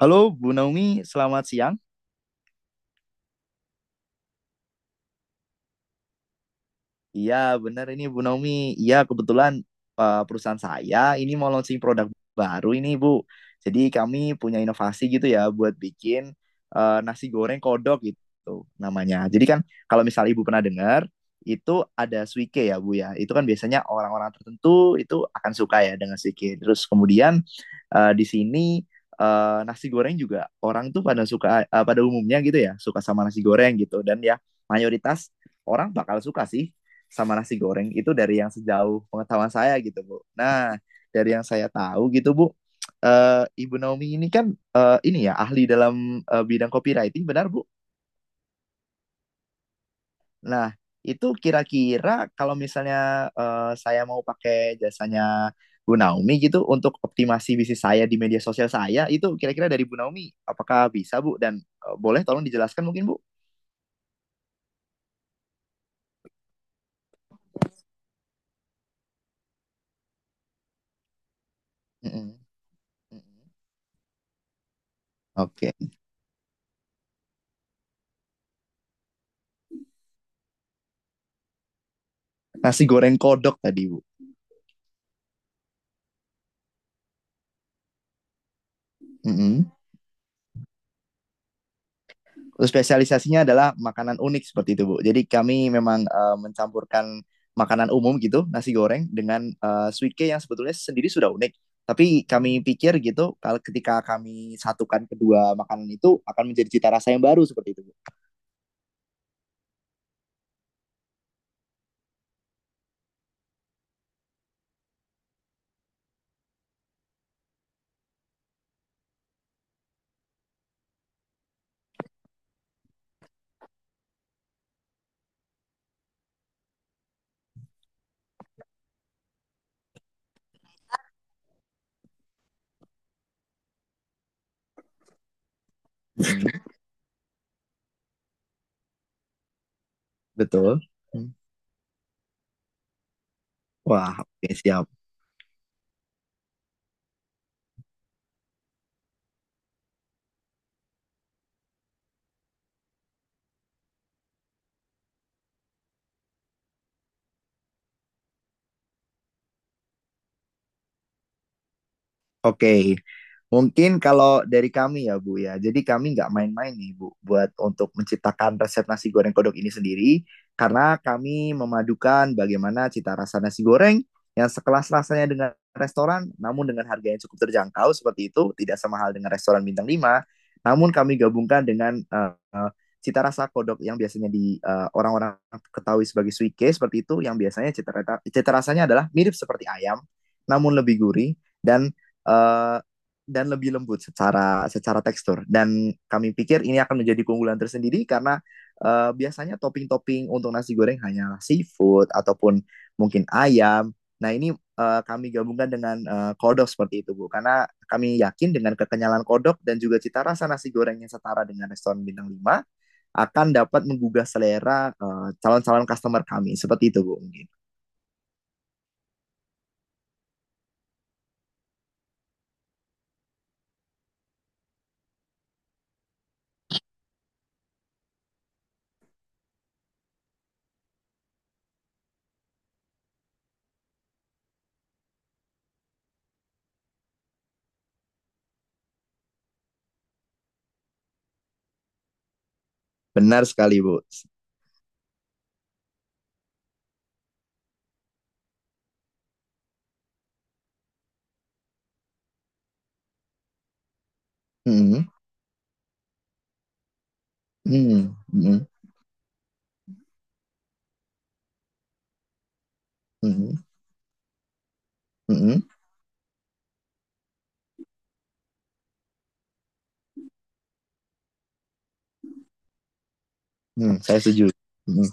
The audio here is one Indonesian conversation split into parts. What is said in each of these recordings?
Halo Bu Naomi, selamat siang. Iya, benar ini Bu Naomi. Iya, kebetulan perusahaan saya ini mau launching produk baru ini, Bu. Jadi kami punya inovasi gitu ya buat bikin nasi goreng kodok gitu namanya. Jadi kan kalau misal Ibu pernah dengar, itu ada suike ya, Bu ya. Itu kan biasanya orang-orang tertentu itu akan suka ya dengan suike. Terus kemudian di sini nasi goreng juga orang tuh pada suka pada umumnya gitu ya, suka sama nasi goreng gitu, dan ya mayoritas orang bakal suka sih sama nasi goreng itu dari yang sejauh pengetahuan saya gitu, Bu. Nah, dari yang saya tahu gitu, Bu, Ibu Naomi ini kan ini ya ahli dalam bidang copywriting, benar Bu? Nah, itu kira-kira kalau misalnya saya mau pakai jasanya Bu Naomi gitu untuk optimasi bisnis saya di media sosial saya itu kira-kira dari Bu Naomi, apakah bisa, Bu? Dan boleh tolong dijelaskan mungkin, Bu? Mm-mm. Mm-mm. Oke, nasi goreng kodok tadi, Bu. Mm-mm. Spesialisasinya adalah makanan unik seperti itu, Bu. Jadi kami memang mencampurkan makanan umum gitu, nasi goreng dengan suike yang sebetulnya sendiri sudah unik. Tapi kami pikir gitu, kalau ketika kami satukan kedua makanan itu akan menjadi cita rasa yang baru seperti itu, Bu. Betul. Wah, oke siap. Oke, mungkin kalau dari kami ya Bu ya, jadi kami nggak main-main nih Bu buat untuk menciptakan resep nasi goreng kodok ini sendiri karena kami memadukan bagaimana cita rasa nasi goreng yang sekelas rasanya dengan restoran namun dengan harga yang cukup terjangkau seperti itu, tidak sama hal dengan restoran bintang lima, namun kami gabungkan dengan cita rasa kodok yang biasanya di orang-orang ketahui sebagai suike seperti itu, yang biasanya cita rasanya adalah mirip seperti ayam namun lebih gurih dan eh, dan lebih lembut secara secara tekstur. Dan kami pikir ini akan menjadi keunggulan tersendiri karena biasanya topping-topping untuk nasi goreng hanya seafood ataupun mungkin ayam. Nah, ini kami gabungkan dengan kodok seperti itu, Bu. Karena kami yakin dengan kekenyalan kodok dan juga cita rasa nasi goreng yang setara dengan restoran bintang 5 akan dapat menggugah selera calon-calon customer kami. Seperti itu, Bu, mungkin. Benar sekali, Bu. Hmm, hmm, hmm, hmm, hmm, hmm. Hmm. Hmm, saya setuju. Hmm.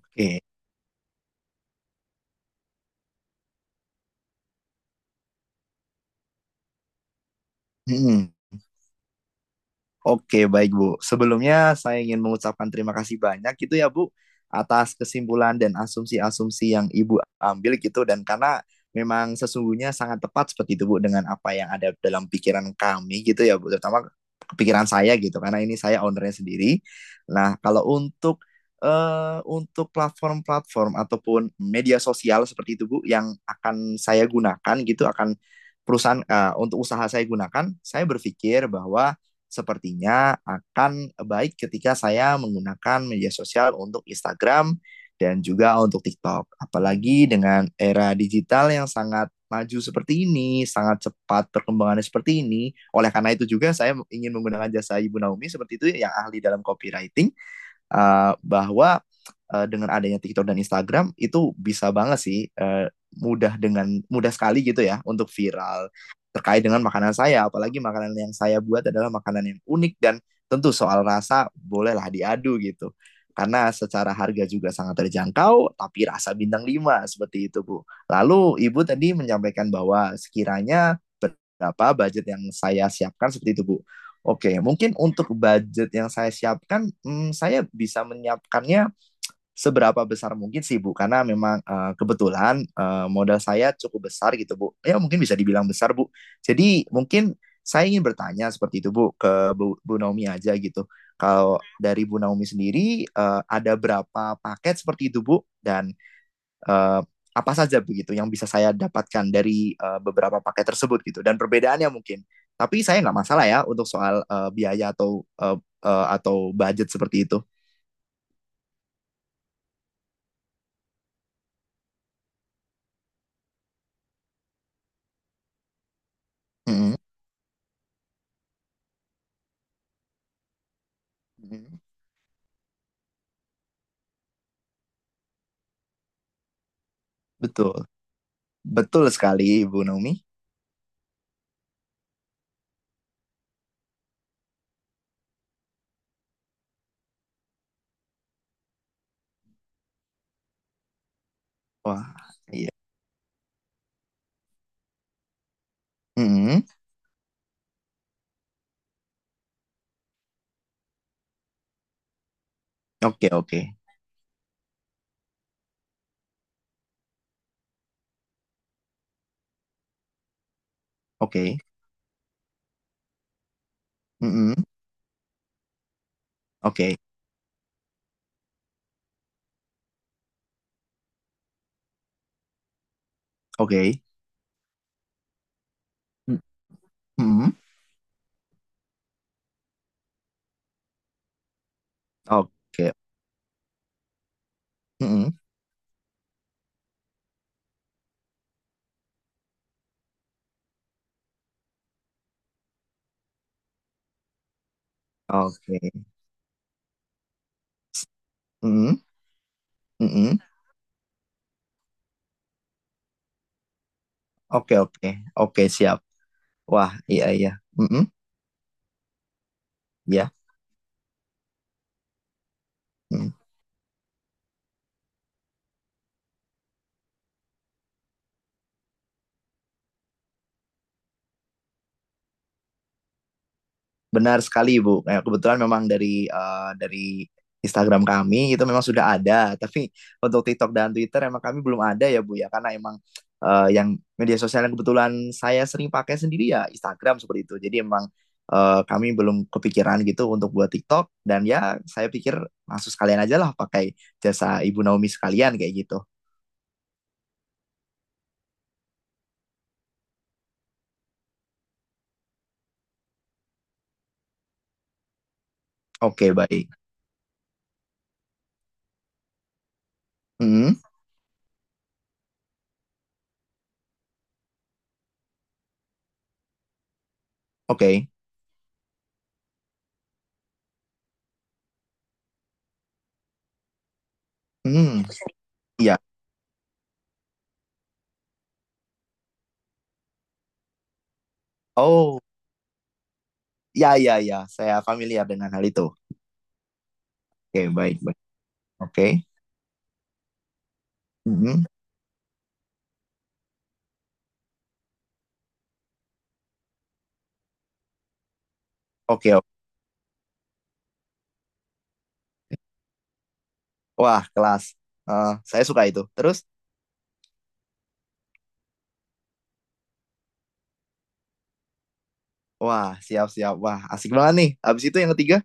Oke, mhm. Oke, baik, Bu. Sebelumnya saya ingin mengucapkan terima kasih banyak gitu ya Bu atas kesimpulan dan asumsi-asumsi yang Ibu ambil gitu, dan karena memang sesungguhnya sangat tepat seperti itu Bu dengan apa yang ada dalam pikiran kami gitu ya Bu, terutama pikiran saya gitu karena ini saya ownernya sendiri. Nah, kalau untuk platform-platform ataupun media sosial seperti itu Bu yang akan saya gunakan gitu, akan perusahaan untuk usaha saya gunakan, saya berpikir bahwa sepertinya akan baik ketika saya menggunakan media sosial untuk Instagram dan juga untuk TikTok. Apalagi dengan era digital yang sangat maju seperti ini, sangat cepat perkembangannya seperti ini. Oleh karena itu juga saya ingin menggunakan jasa Ibu Naomi seperti itu yang ahli dalam copywriting, bahwa dengan adanya TikTok dan Instagram itu bisa banget sih, mudah, dengan mudah sekali gitu ya untuk viral terkait dengan makanan saya, apalagi makanan yang saya buat adalah makanan yang unik dan tentu soal rasa bolehlah diadu gitu karena secara harga juga sangat terjangkau, tapi rasa bintang 5 seperti itu, Bu. Lalu Ibu tadi menyampaikan bahwa sekiranya berapa budget yang saya siapkan seperti itu, Bu. Oke, mungkin untuk budget yang saya siapkan, saya bisa menyiapkannya seberapa besar mungkin sih Bu, karena memang kebetulan modal saya cukup besar gitu, Bu. Ya mungkin bisa dibilang besar, Bu. Jadi mungkin saya ingin bertanya seperti itu Bu ke Bu Naomi aja gitu. Kalau dari Bu Naomi sendiri ada berapa paket seperti itu, Bu? Dan eh, apa saja begitu yang bisa saya dapatkan dari beberapa paket tersebut gitu dan perbedaannya mungkin, tapi saya nggak masalah ya untuk soal biaya eh, atau budget seperti itu. Mm-mm. Mm-mm. Betul betul sekali, Ibu Naomi. Wah, iya. Mm-mm. Oke, oke, oke. Mm-mm. Oke, oke. Mm-mm. Oke. Mm-mm. Oke. Mm-mm. Mm-mm. Oke, oke, oke, siap. Wah, iya, iya. Mm-mm. Ya. Benar sekali, Ibu. Kayak kebetulan memang dari dari Instagram kami itu memang sudah ada, tapi untuk TikTok dan Twitter emang kami belum ada ya Bu ya, karena emang yang media sosial yang kebetulan saya sering pakai sendiri ya Instagram seperti itu. Jadi emang kami belum kepikiran gitu untuk buat TikTok, dan ya saya pikir langsung sekalian aja lah pakai jasa Ibu Naomi sekalian kayak gitu. Oke, baik. Hmm, oke. Hmm, iya. Oh, ya, ya, ya, saya familiar dengan hal itu. Oke, baik, baik. Oke. Mhm. Oke, oke. Wah, kelas. Eh, saya suka itu. Terus, wah, siap-siap. Wah, asik banget nih. Habis itu yang ketiga.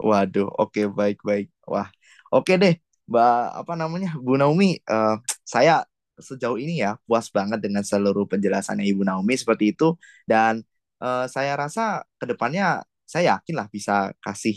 Waduh, oke, baik-baik. Wah, oke deh, Mbak, apa namanya, Bu Naomi. Saya sejauh ini ya puas banget dengan seluruh penjelasannya Ibu Naomi seperti itu. Dan saya rasa kedepannya saya yakin lah bisa kasih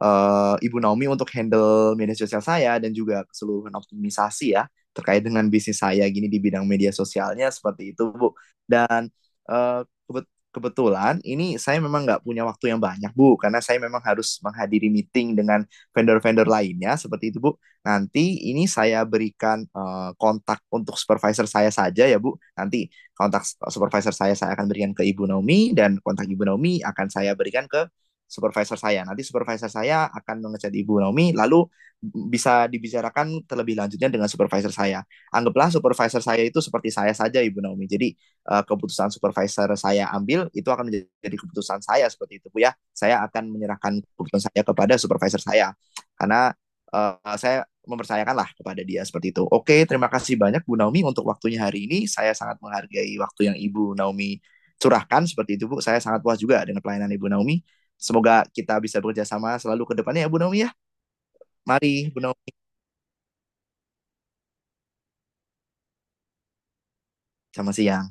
Ibu Naomi untuk handle media sosial saya dan juga keseluruhan optimisasi ya terkait dengan bisnis saya gini di bidang media sosialnya seperti itu, Bu. Dan eh, kebet- kebetulan ini saya memang nggak punya waktu yang banyak Bu karena saya memang harus menghadiri meeting dengan vendor-vendor lainnya seperti itu, Bu. Nanti ini saya berikan kontak untuk supervisor saya saja ya Bu. Nanti kontak supervisor saya akan berikan ke Ibu Naomi, dan kontak Ibu Naomi akan saya berikan ke supervisor saya. Nanti supervisor saya akan mengechat Ibu Naomi, lalu bisa dibicarakan terlebih lanjutnya dengan supervisor saya. Anggaplah supervisor saya itu seperti saya saja, Ibu Naomi. Jadi keputusan supervisor saya ambil itu akan menjadi keputusan saya seperti itu, Bu. Ya, saya akan menyerahkan keputusan saya kepada supervisor saya karena saya mempercayakanlah kepada dia seperti itu. Oke, terima kasih banyak Bu Naomi untuk waktunya hari ini. Saya sangat menghargai waktu yang Ibu Naomi curahkan seperti itu, Bu. Saya sangat puas juga dengan pelayanan Ibu Naomi. Semoga kita bisa bekerja sama selalu ke depannya ya Bu Naomi ya. Mari, Bu Naomi. Selamat siang.